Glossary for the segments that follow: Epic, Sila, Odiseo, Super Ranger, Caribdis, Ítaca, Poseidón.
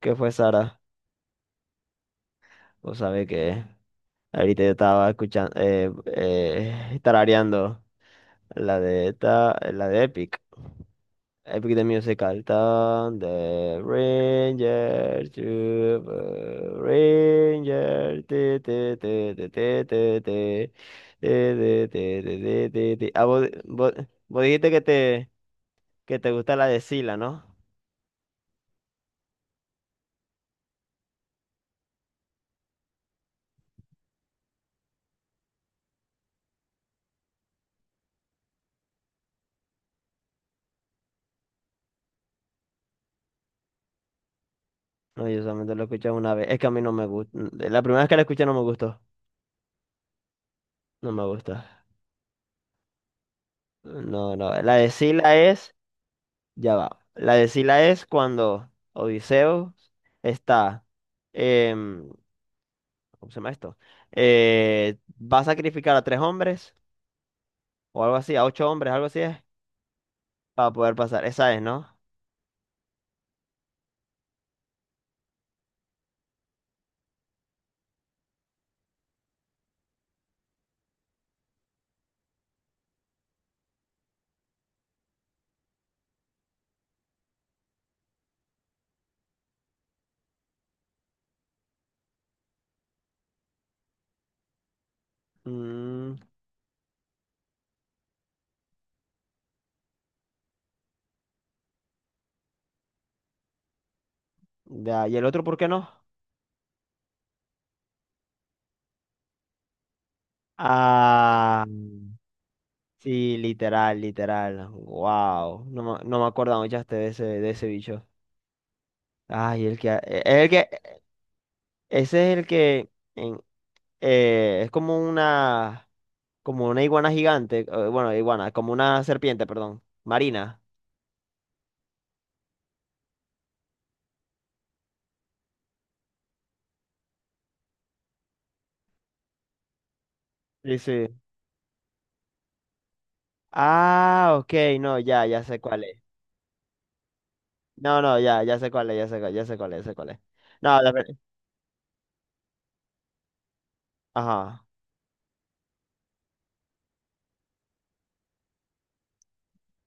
¿Qué fue, Sara? Vos sabés que ahorita yo estaba escuchando, tarareando la de la de Epic, Epic de Musical. Tan de Ranger, Super Ranger, te, te, te, te, te, te, te, te, te, te, te, te, te, te. Ah, vos dijiste que que te gusta la de Sila, ¿no? No, yo solamente lo escuché una vez. Es que a mí no me gusta. La primera vez que la escuché no me gustó. No me gusta. No, no. La de Sila es, ya va. La de Sila es cuando Odiseo está, em, ¿cómo se llama esto? Va a sacrificar a tres hombres o algo así, a ocho hombres, algo así es, para poder pasar. Esa es, ¿no? Mm, ya. ¿Y el otro por qué no? Ah, sí, literal, literal. Wow. No me acuerdo mucho de de ese bicho. Ay, es el que. Ese es el que. en- es como una iguana gigante, bueno, iguana, como una serpiente, perdón, marina. Sí, sí. Ah, ok, no, ya sé cuál es. No, no, ya sé cuál es, ya sé, ya sé cuál es, ya sé cuál es. No, la ver- Ajá.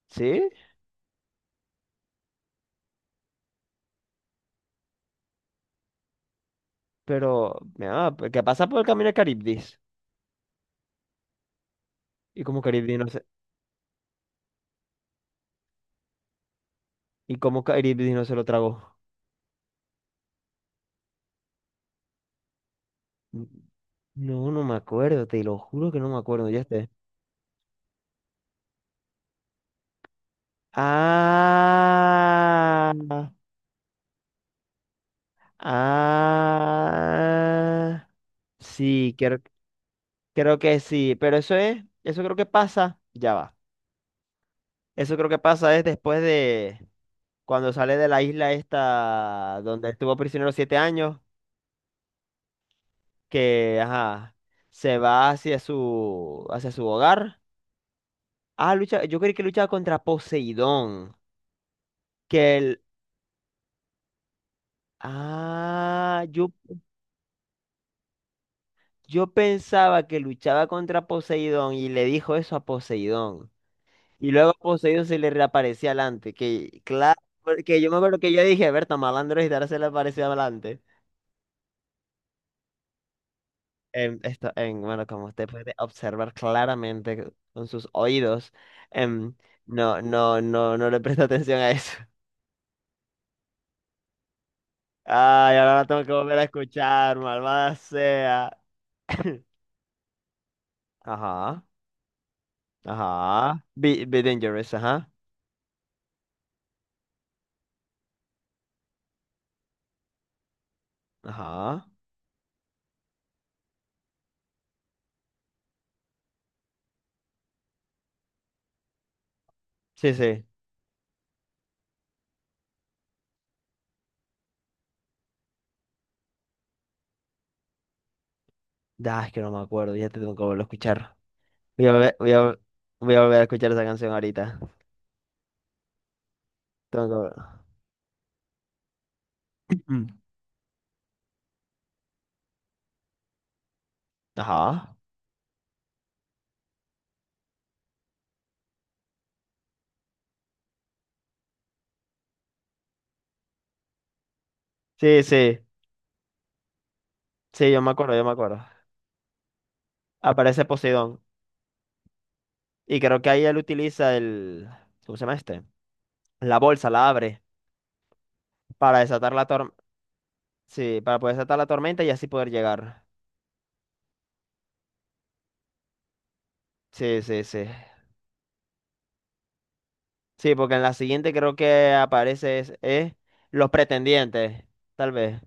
¿Sí? Pero mira, pues, ¿qué pasa por el camino de Caribdis? Y como Caribdis no se lo tragó. N- No, no me acuerdo, te lo juro que no me acuerdo, ya esté. Ah, ah. Sí, creo, creo que sí, pero eso creo que pasa, ya va. Eso creo que pasa es después de cuando sale de la isla esta donde estuvo prisionero 7 años, que ajá, se va hacia hacia su hogar. Ah, lucha, yo creí que luchaba contra Poseidón, que el ah, yo pensaba que luchaba contra Poseidón y le dijo eso a Poseidón. Y luego poseído se le reaparecía adelante. Que claro, porque yo me acuerdo que yo dije: Berta, malandro y ahora se le aparecía adelante. Bueno, como usted puede observar claramente con sus oídos, em, no le presta atención a eso. Ay, ahora la tengo que volver a escuchar, malvada sea. Ajá, ajá. Be, be dangerous, ajá. Ajá. Sí, sí. Ah, es que no me acuerdo, ya te tengo que volver a escuchar. Voy a, volver- voy a, voy a volver a escuchar esa canción ahorita. Tengo que volver. Mm. Ajá. Sí, sí, sí, yo me acuerdo, yo me acuerdo. Aparece Poseidón. Y creo que ahí él utiliza el… ¿Cómo se llama este? La bolsa, la abre para desatar la tormenta. Sí, para poder desatar la tormenta y así poder llegar. Sí, sí, sí. Sí, porque en la siguiente creo que es los pretendientes, tal vez.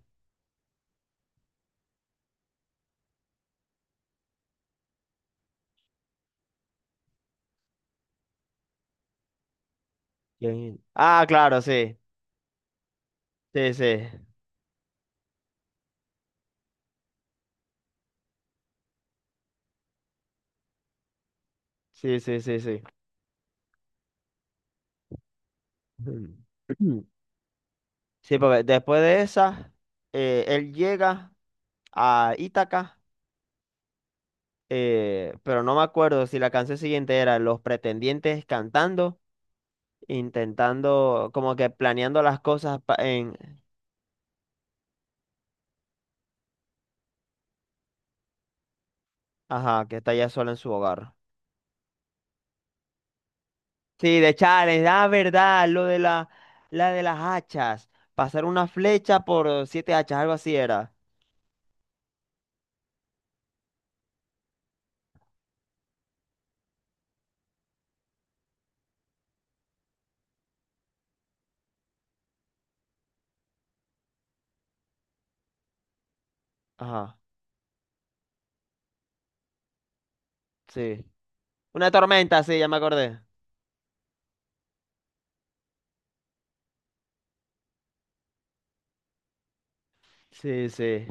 ¿Quién? Ah, claro, sí. Sí, sí. Sí, sí, sí, sí. Sí, porque después de esa, él llega a Ítaca. Pero no me acuerdo si la canción siguiente era Los pretendientes cantando, intentando, como que planeando las cosas ajá, que está ya sola en su hogar. Sí, de Challenge, la verdad, la de las hachas, pasar una flecha por 7 hachas, algo así era. Ajá, sí. Una tormenta, sí, ya me acordé. Sí, sí.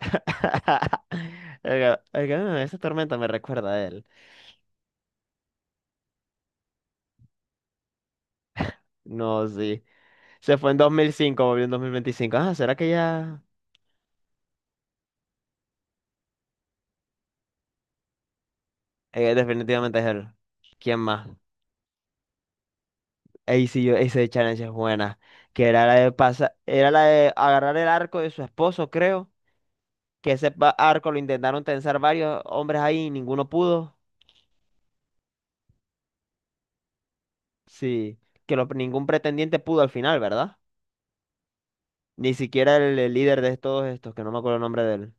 Oiga, oiga, "Ah, esa tormenta me recuerda a él". No, sí. Se fue en 2005, volvió en 2025. Ah, ¿será que ya…? Definitivamente es él. ¿Quién más? Ahí sí yo, ese challenge es buena. Que era la de agarrar el arco de su esposo, creo. Que ese arco lo intentaron tensar varios hombres ahí y ninguno pudo. Sí, que ningún pretendiente pudo al final, ¿verdad? Ni siquiera el líder de todos estos, que no me acuerdo el nombre de él.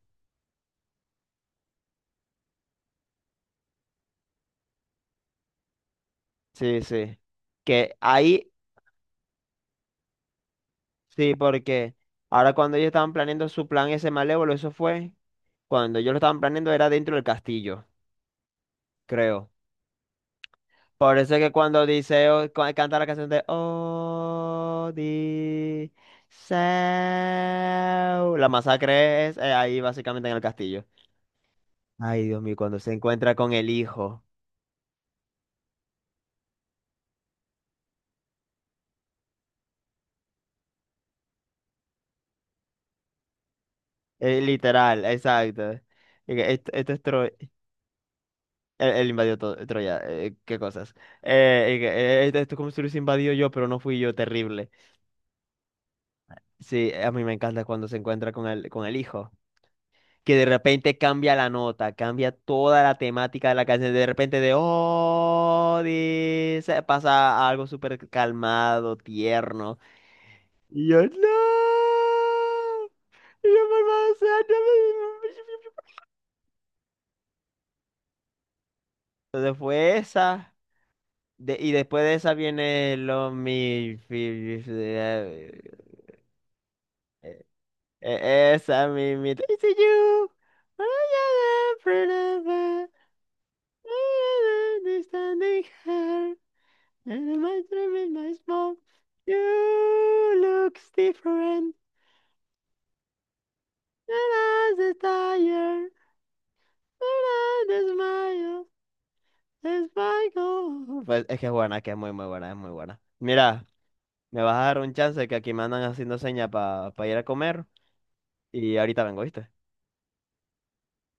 Sí, sí. Que ahí, sí, porque ahora cuando ellos estaban planeando su plan ese malévolo, cuando ellos lo estaban planeando era dentro del castillo, creo. Por eso es que cuando Odiseo canta la canción de Odiseo, la masacre es ahí básicamente en el castillo. Ay, Dios mío, cuando se encuentra con el hijo. Literal, exacto. Y que esto es Troya. Él invadió Troya. Eh, qué cosas. Esto, esto es como si lo hubiese invadido yo, pero no fui yo. Terrible. Sí, a mí me encanta cuando se encuentra con con el hijo. Que de repente cambia la nota, cambia toda la temática de la canción, de repente de oh, dice, pasa a algo súper calmado, tierno. Y yo, no, por favor, sea, no me- entonces fue esa. Y después de esa viene lo mi. Fi- fi- eh, esa, mi Daisy You. I am pretty, I am understanding her. And my dream in my small. You looks different. And as a tire, and as smile, as my goal. Pues es que es buena, que es muy, muy buena, es muy buena. Mira, me vas a dar un chance que aquí me andan haciendo seña para ir a comer y ahorita vengo, ¿viste?